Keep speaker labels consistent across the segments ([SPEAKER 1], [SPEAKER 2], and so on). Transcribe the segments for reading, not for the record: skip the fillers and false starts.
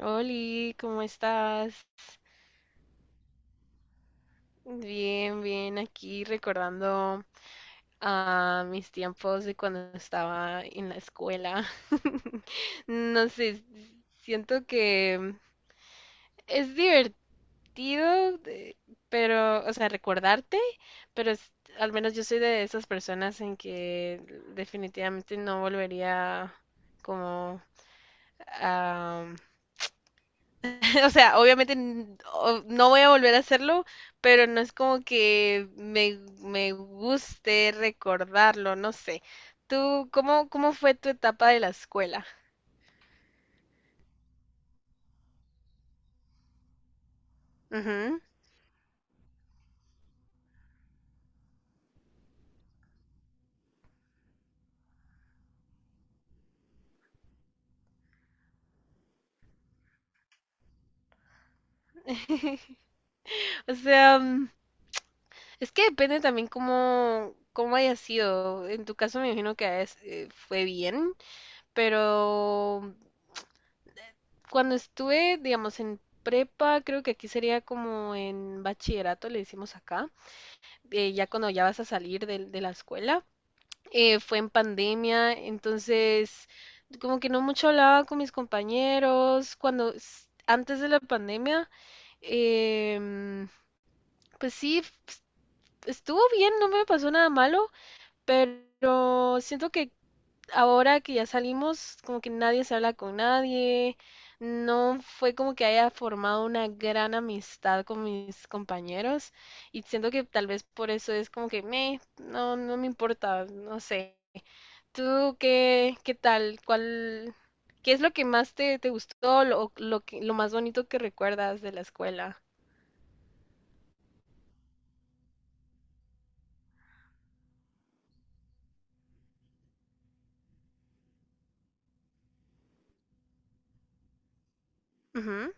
[SPEAKER 1] Oli, ¿cómo estás? Bien, bien, aquí recordando a mis tiempos de cuando estaba en la escuela. No sé, siento que es divertido, de- pero, o sea, recordarte, pero es- al menos yo soy de esas personas en que definitivamente no volvería como a O sea, obviamente no voy a volver a hacerlo, pero no es como que me guste recordarlo, no sé. ¿Tú cómo, cómo fue tu etapa de la escuela? Ujú. O sea, es que depende también cómo, cómo haya sido. En tu caso me imagino que es, fue bien, pero cuando estuve, digamos, en prepa, creo que aquí sería como en bachillerato, le decimos acá, ya cuando ya vas a salir de la escuela. Fue en pandemia, entonces como que no mucho hablaba con mis compañeros cuando antes de la pandemia, em, pues sí, estuvo bien, no me pasó nada malo, pero siento que ahora que ya salimos, como que nadie se habla con nadie, no fue como que haya formado una gran amistad con mis compañeros y siento que tal vez por eso es como que me, no, no me importa, no sé. ¿Tú qué, qué tal? ¿Cuál, qué es lo que más te, te gustó, lo que, lo más bonito que recuerdas de la escuela? Ujú,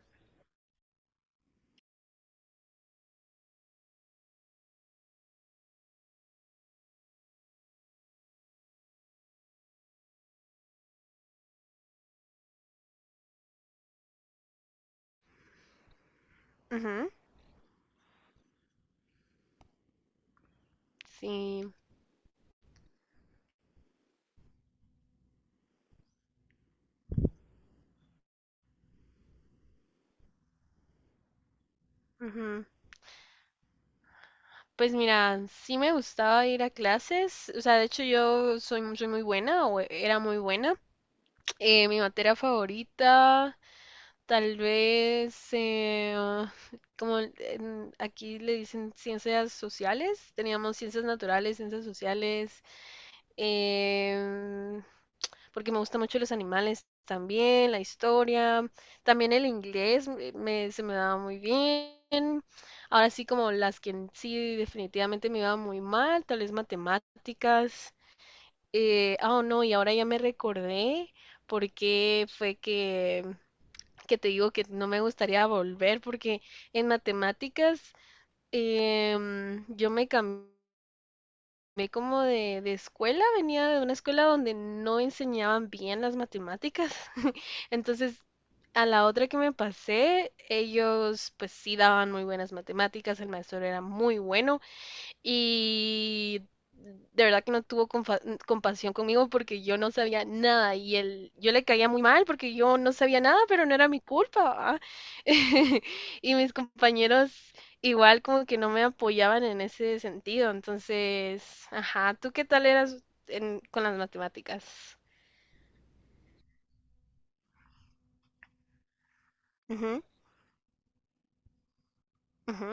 [SPEAKER 1] ujú. Sí. Ujú. Pues mira, sí me gustaba ir a clases. O sea, de hecho yo soy, soy muy buena o era muy buena. Mi materia favorita, tal vez, como aquí le dicen ciencias sociales, teníamos ciencias naturales, ciencias sociales. em, porque me gustan mucho los animales también, la historia, también el inglés me, se me daba muy bien. Ahora sí, como las que en sí definitivamente me iba muy mal, tal vez matemáticas. Oh, no, y ahora ya me recordé porque fue que te digo que no me gustaría volver porque en matemáticas yo me cambié Ve como de escuela, venía de una escuela donde no enseñaban bien las matemáticas. Entonces, a la otra que me pasé, ellos pues sí daban muy buenas matemáticas, el maestro era muy bueno y de verdad que no tuvo compasión conmigo porque yo no sabía nada y él, yo le caía muy mal porque yo no sabía nada, pero no era mi culpa, ¿va? Y mis compañeros igual como que no me apoyaban en ese sentido. Entonces, ajá, ¿tú qué tal eras con las matemáticas? Ujú, ujú.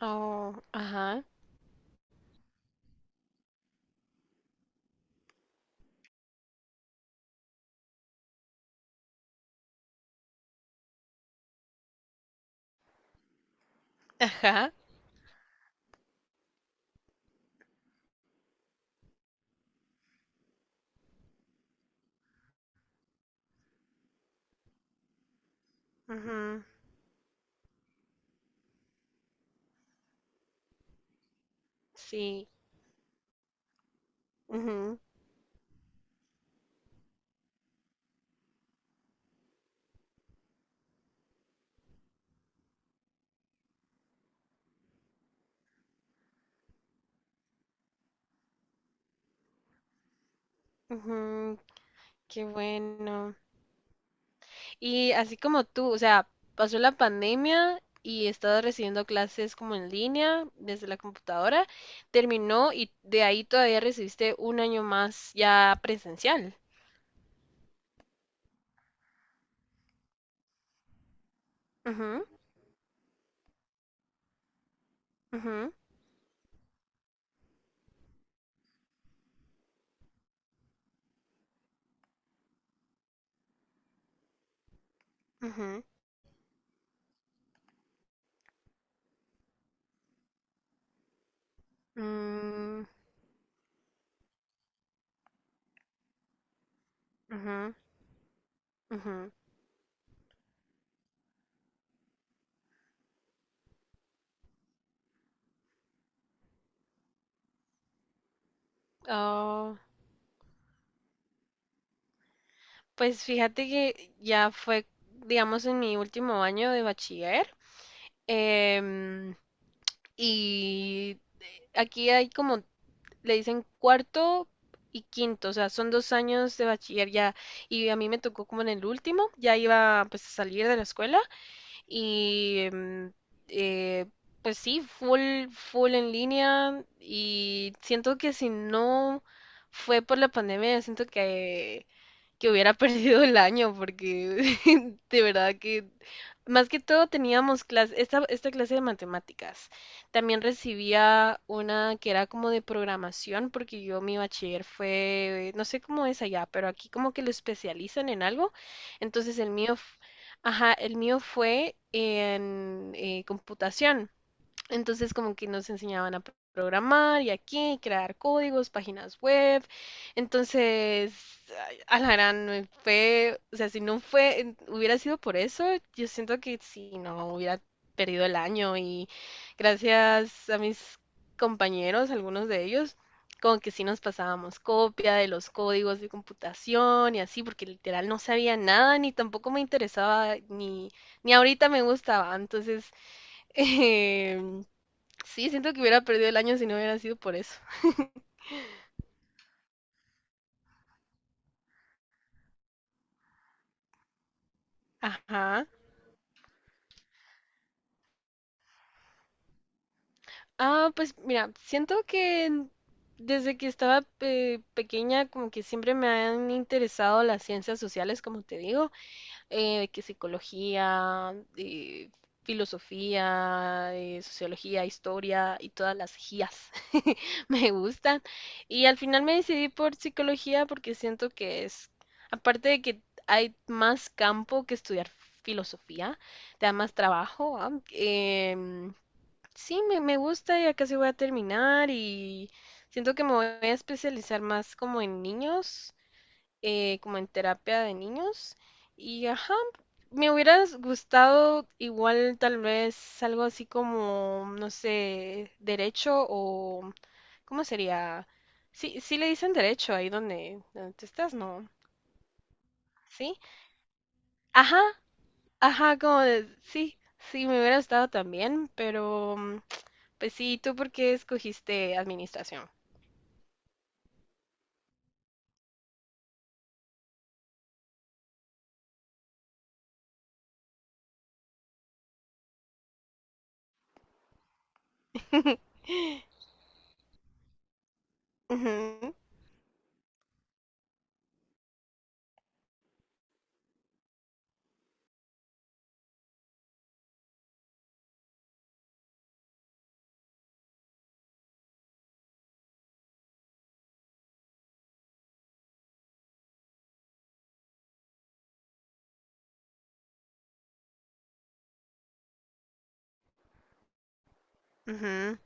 [SPEAKER 1] Oh, ajá, ajá, ujú, sí, ujú, ujú, qué bueno. Y así como tú, o sea, pasó la pandemia y he estado recibiendo clases como en línea desde la computadora, terminó y de ahí todavía recibiste un año más ya presencial. Ujú, ujú, ujú, mm, ujú, ujú. Oh, pues fíjate que ya fue, digamos, en mi último año de bachiller. em, y aquí hay como le dicen cuarto y quinto, o sea, son dos años de bachiller ya, y a mí me tocó como en el último, ya iba pues a salir de la escuela y eh, pues sí, full, full en línea y siento que si no fue por la pandemia, siento que hubiera perdido el año, porque de verdad que más que todo teníamos clase, esta clase de matemáticas. También recibía una que era como de programación, porque yo mi bachiller fue, no sé cómo es allá, pero aquí como que lo especializan en algo. Entonces el mío, ajá, el mío fue en computación. Entonces, como que nos enseñaban a programar y aquí, crear códigos, páginas web. Entonces, ay, a la gran me fue, o sea, si no fue, hubiera sido por eso, yo siento que si no hubiera perdido el año y gracias a mis compañeros, algunos de ellos, como que sí nos pasábamos copia de los códigos de computación y así, porque literal no sabía nada, ni tampoco me interesaba, ni, ni ahorita me gustaba. Entonces, sí, siento que hubiera perdido el año si no hubiera sido por eso. Ajá. Ah, pues mira, siento que desde que estaba pequeña como que siempre me han interesado las ciencias sociales, como te digo. Que psicología, filosofía, sociología, historia y todas las gías me gustan. Y al final me decidí por psicología porque siento que es, aparte de que hay más campo que estudiar filosofía, te da más trabajo, ¿va? Sí, me gusta, ya casi voy a terminar y siento que me voy a especializar más como en niños, como en terapia de niños. Y ajá, me hubiera gustado igual tal vez algo así como, no sé, derecho o, ¿cómo sería? Sí, sí le dicen derecho ahí donde, donde tú estás, ¿no? Sí. Ajá, ajá, como de, sí, sí, me hubiera gustado también, pero pues sí, ¿tú por qué escogiste administración? Ujú, ujú,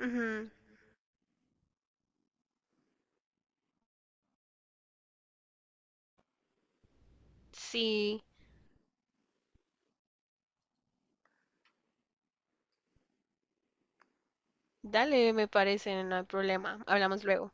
[SPEAKER 1] ujú. Sí. Dale, me parece, no hay problema. Hablamos luego.